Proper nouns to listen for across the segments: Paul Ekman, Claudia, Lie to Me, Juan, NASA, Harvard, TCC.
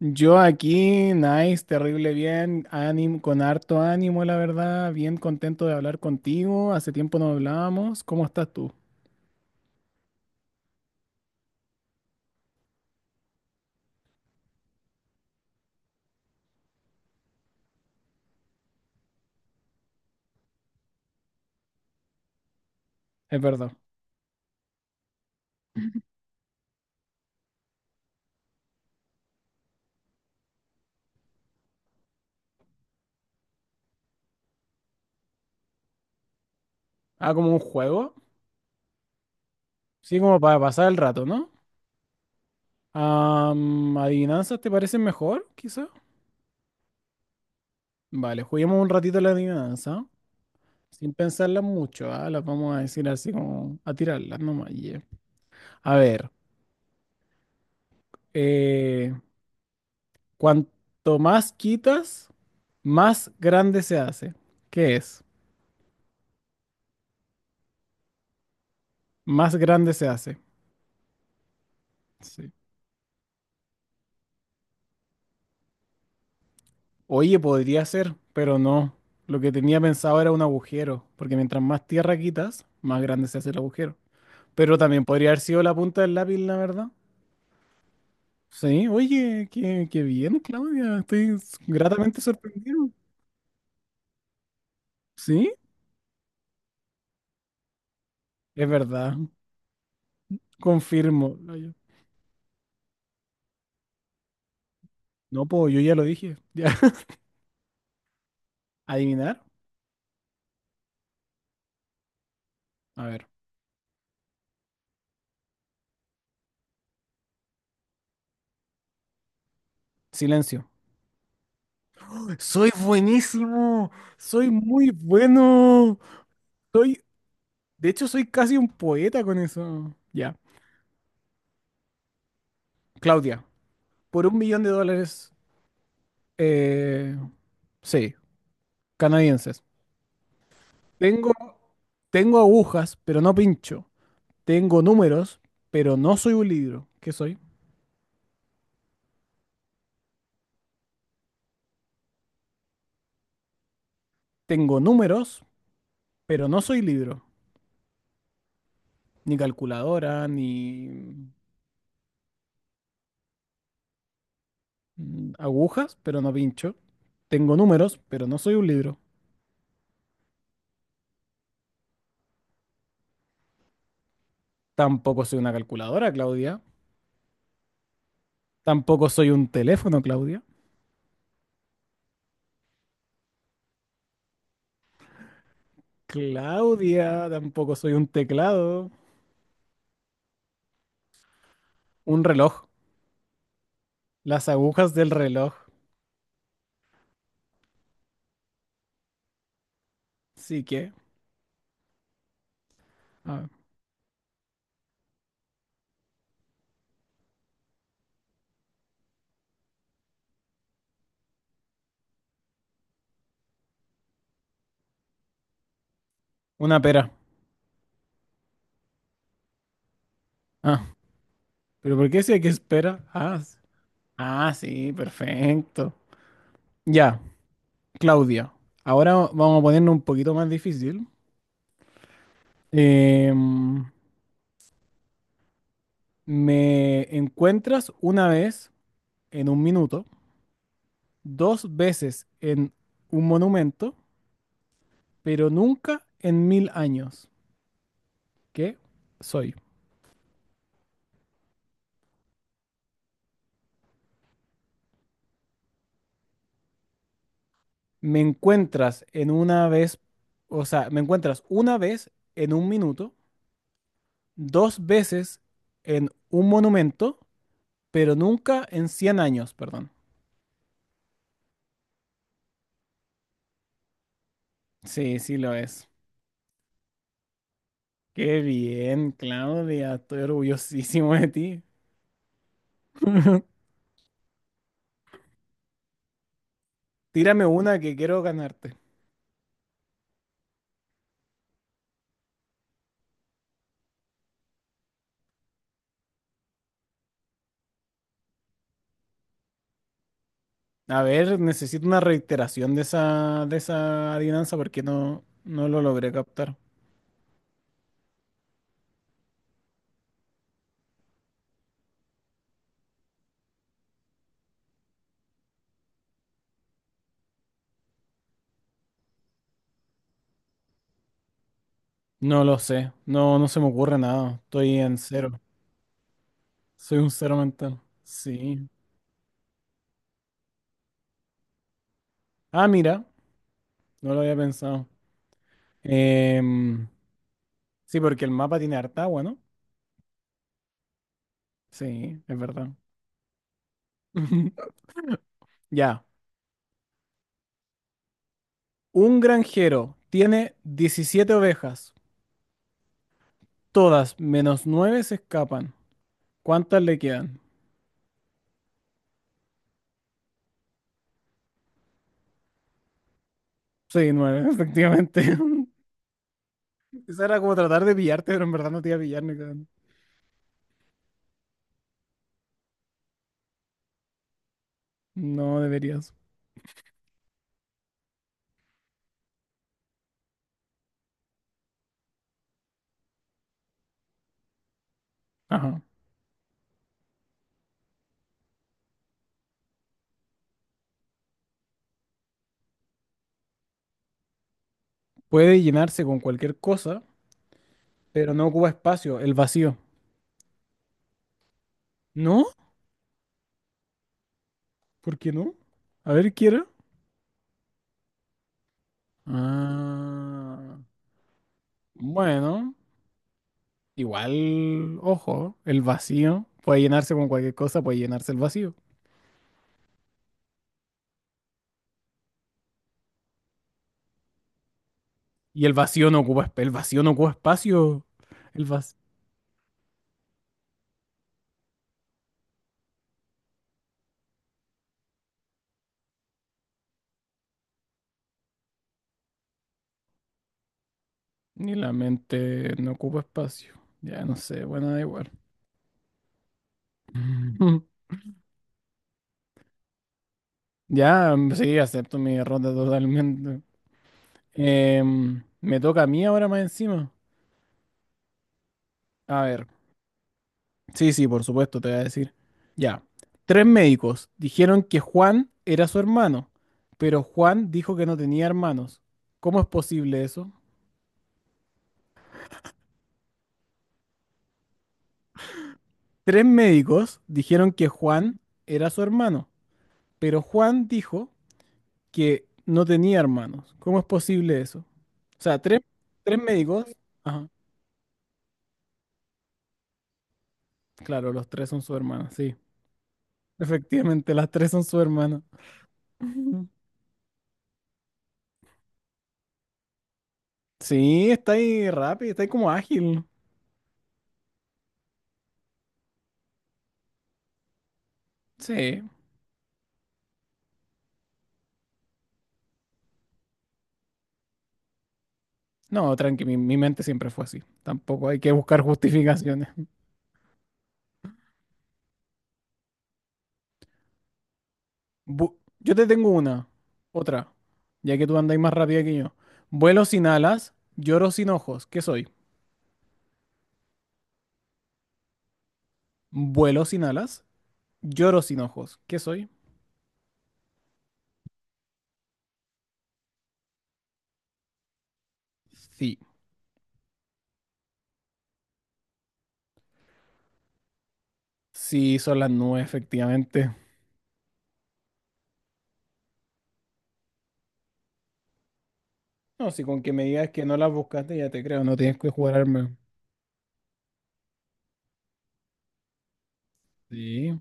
Yo aquí, nice, terrible bien, ánimo, con harto ánimo, la verdad, bien contento de hablar contigo. Hace tiempo no hablábamos. ¿Cómo estás tú? Es verdad. Ah, como un juego. Sí, como para pasar el rato, ¿no? ¿Adivinanzas te parecen mejor, quizá? Vale, juguemos un ratito la adivinanza, sin pensarlas mucho, ¿ah? Las vamos a decir así como a tirarlas nomás. Yeah. A ver, eh, cuanto más quitas, más grande se hace. ¿Qué es? Más grande se hace. Sí. Oye, podría ser, pero no. Lo que tenía pensado era un agujero, porque mientras más tierra quitas, más grande se hace el agujero. Pero también podría haber sido la punta del lápiz, la verdad. Sí, oye, qué bien, Claudia. Estoy gratamente sorprendido. Sí, es verdad. Confirmo. No, pues yo ya lo dije. Ya. ¿Adivinar? A ver. Silencio. Soy buenísimo. Soy muy bueno. Soy De hecho, soy casi un poeta con eso. Ya. Claudia, por 1 millón de dólares, eh, sí, canadienses. Tengo, tengo agujas, pero no pincho. Tengo números, pero no soy un libro. ¿Qué soy? Tengo números, pero no soy libro. Ni calculadora, ni agujas, pero no pincho. Tengo números, pero no soy un libro. Tampoco soy una calculadora, Claudia. Tampoco soy un teléfono, Claudia. Claudia, tampoco soy un teclado. Un reloj. Las agujas del reloj. Sí que. Ah, una pera. Ah, pero ¿por qué si hay que espera? Ah, ah, sí, perfecto. Ya, Claudia. Ahora vamos a ponernos un poquito más difícil. Em, Me encuentras una vez en un minuto, dos veces en un monumento, pero nunca en 1.000 años. ¿Qué soy? Me encuentras en una vez, o sea, me encuentras una vez en un minuto, dos veces en un monumento, pero nunca en 100 años, perdón. Sí, sí lo es. Qué bien, Claudia, estoy orgullosísimo de ti. Tírame una que quiero ganarte. A ver, necesito una reiteración de esa adivinanza porque no lo logré captar. No lo sé, no se me ocurre nada, estoy en cero, soy un cero mental. Sí. Ah, mira, no lo había pensado. Em, sí, porque el mapa tiene harta agua, ¿no? Sí, es verdad. Ya. Un granjero tiene 17 ovejas. Todas menos 9 se escapan. ¿Cuántas le quedan? Sí, nueve, efectivamente. Esa era como tratar de pillarte, pero en verdad no te iba a pillar ni cagando. No deberías. Ajá. Puede llenarse con cualquier cosa, pero no ocupa espacio, el vacío. ¿No? ¿Por qué no? A ver, quiero. Ah. Bueno, igual, ojo, el vacío puede llenarse con cualquier cosa, puede llenarse el vacío. Y el vacío no ocupa espacio. El vacío, ni la mente no ocupa espacio. Ya no sé, bueno, da igual. Ya, sí, acepto mi derrota totalmente. Me toca a mí ahora más encima. A ver. Sí, sí, por supuesto, te voy a decir. Ya. Tres médicos dijeron que Juan era su hermano, pero Juan dijo que no tenía hermanos. ¿Cómo es posible eso? Tres médicos dijeron que Juan era su hermano, pero Juan dijo que no tenía hermanos. ¿Cómo es posible eso? O sea, tres médicos. Ajá. Claro, los tres son su hermana, sí. Efectivamente, las tres son su hermana. Sí, está ahí rápido, está ahí como ágil. Sí. No, tranqui, mi mente siempre fue así. Tampoco hay que buscar justificaciones. Yo te tengo una, otra, ya que tú andas más rápida que yo. Vuelo sin alas, lloro sin ojos. ¿Qué soy? Vuelo sin alas, lloro sin ojos. ¿Qué soy? Sí. Sí, son las nubes, efectivamente. No, si con que me digas que no las buscaste, ya te creo, no tienes que jurarme. Sí.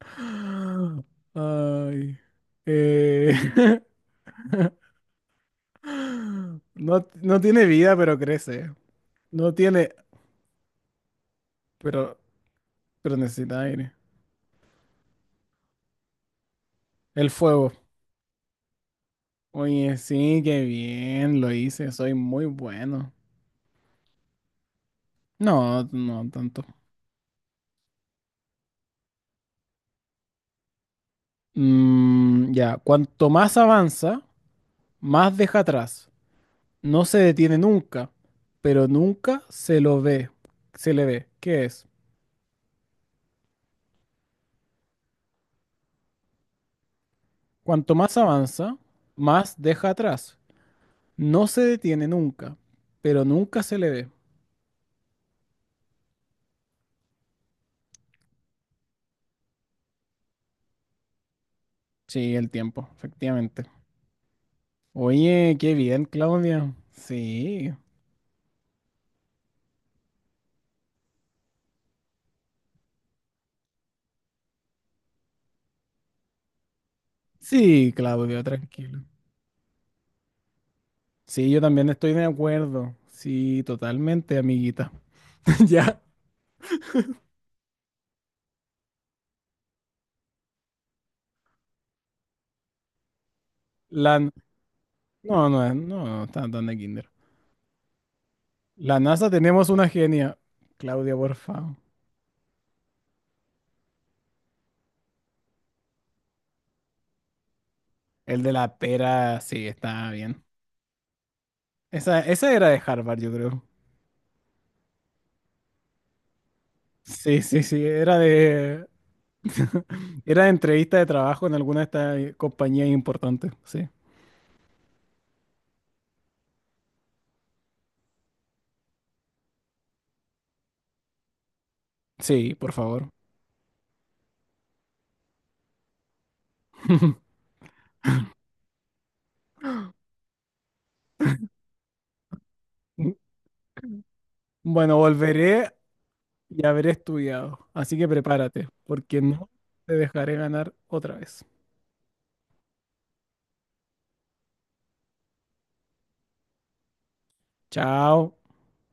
Ay. Eh, No, no tiene vida, pero crece. No tiene, pero, pero necesita aire. El fuego. Oye, sí, qué bien, lo hice, soy muy bueno. No, no tanto. Ya, cuanto más avanza, más deja atrás. No se detiene nunca, pero nunca se lo ve, se le ve. ¿Qué es? Cuanto más avanza, más deja atrás. No se detiene nunca, pero nunca se le ve. Sí, el tiempo, efectivamente. Oye, qué bien, Claudia. Sí. Sí, Claudio, tranquilo. Sí, yo también estoy de acuerdo. Sí, totalmente, amiguita. Ya, la... No, no, no, no, tan de kinder. La NASA tenemos una genia. Claudia, por favor. El de la pera, sí, está bien. Esa era de Harvard, yo creo. Sí, sí, sí, era de. Era de entrevista de trabajo en alguna de estas compañías importantes, sí. Sí, por favor. Bueno, volveré y haber estudiado. Así que prepárate, porque no te dejaré ganar otra vez. Chao.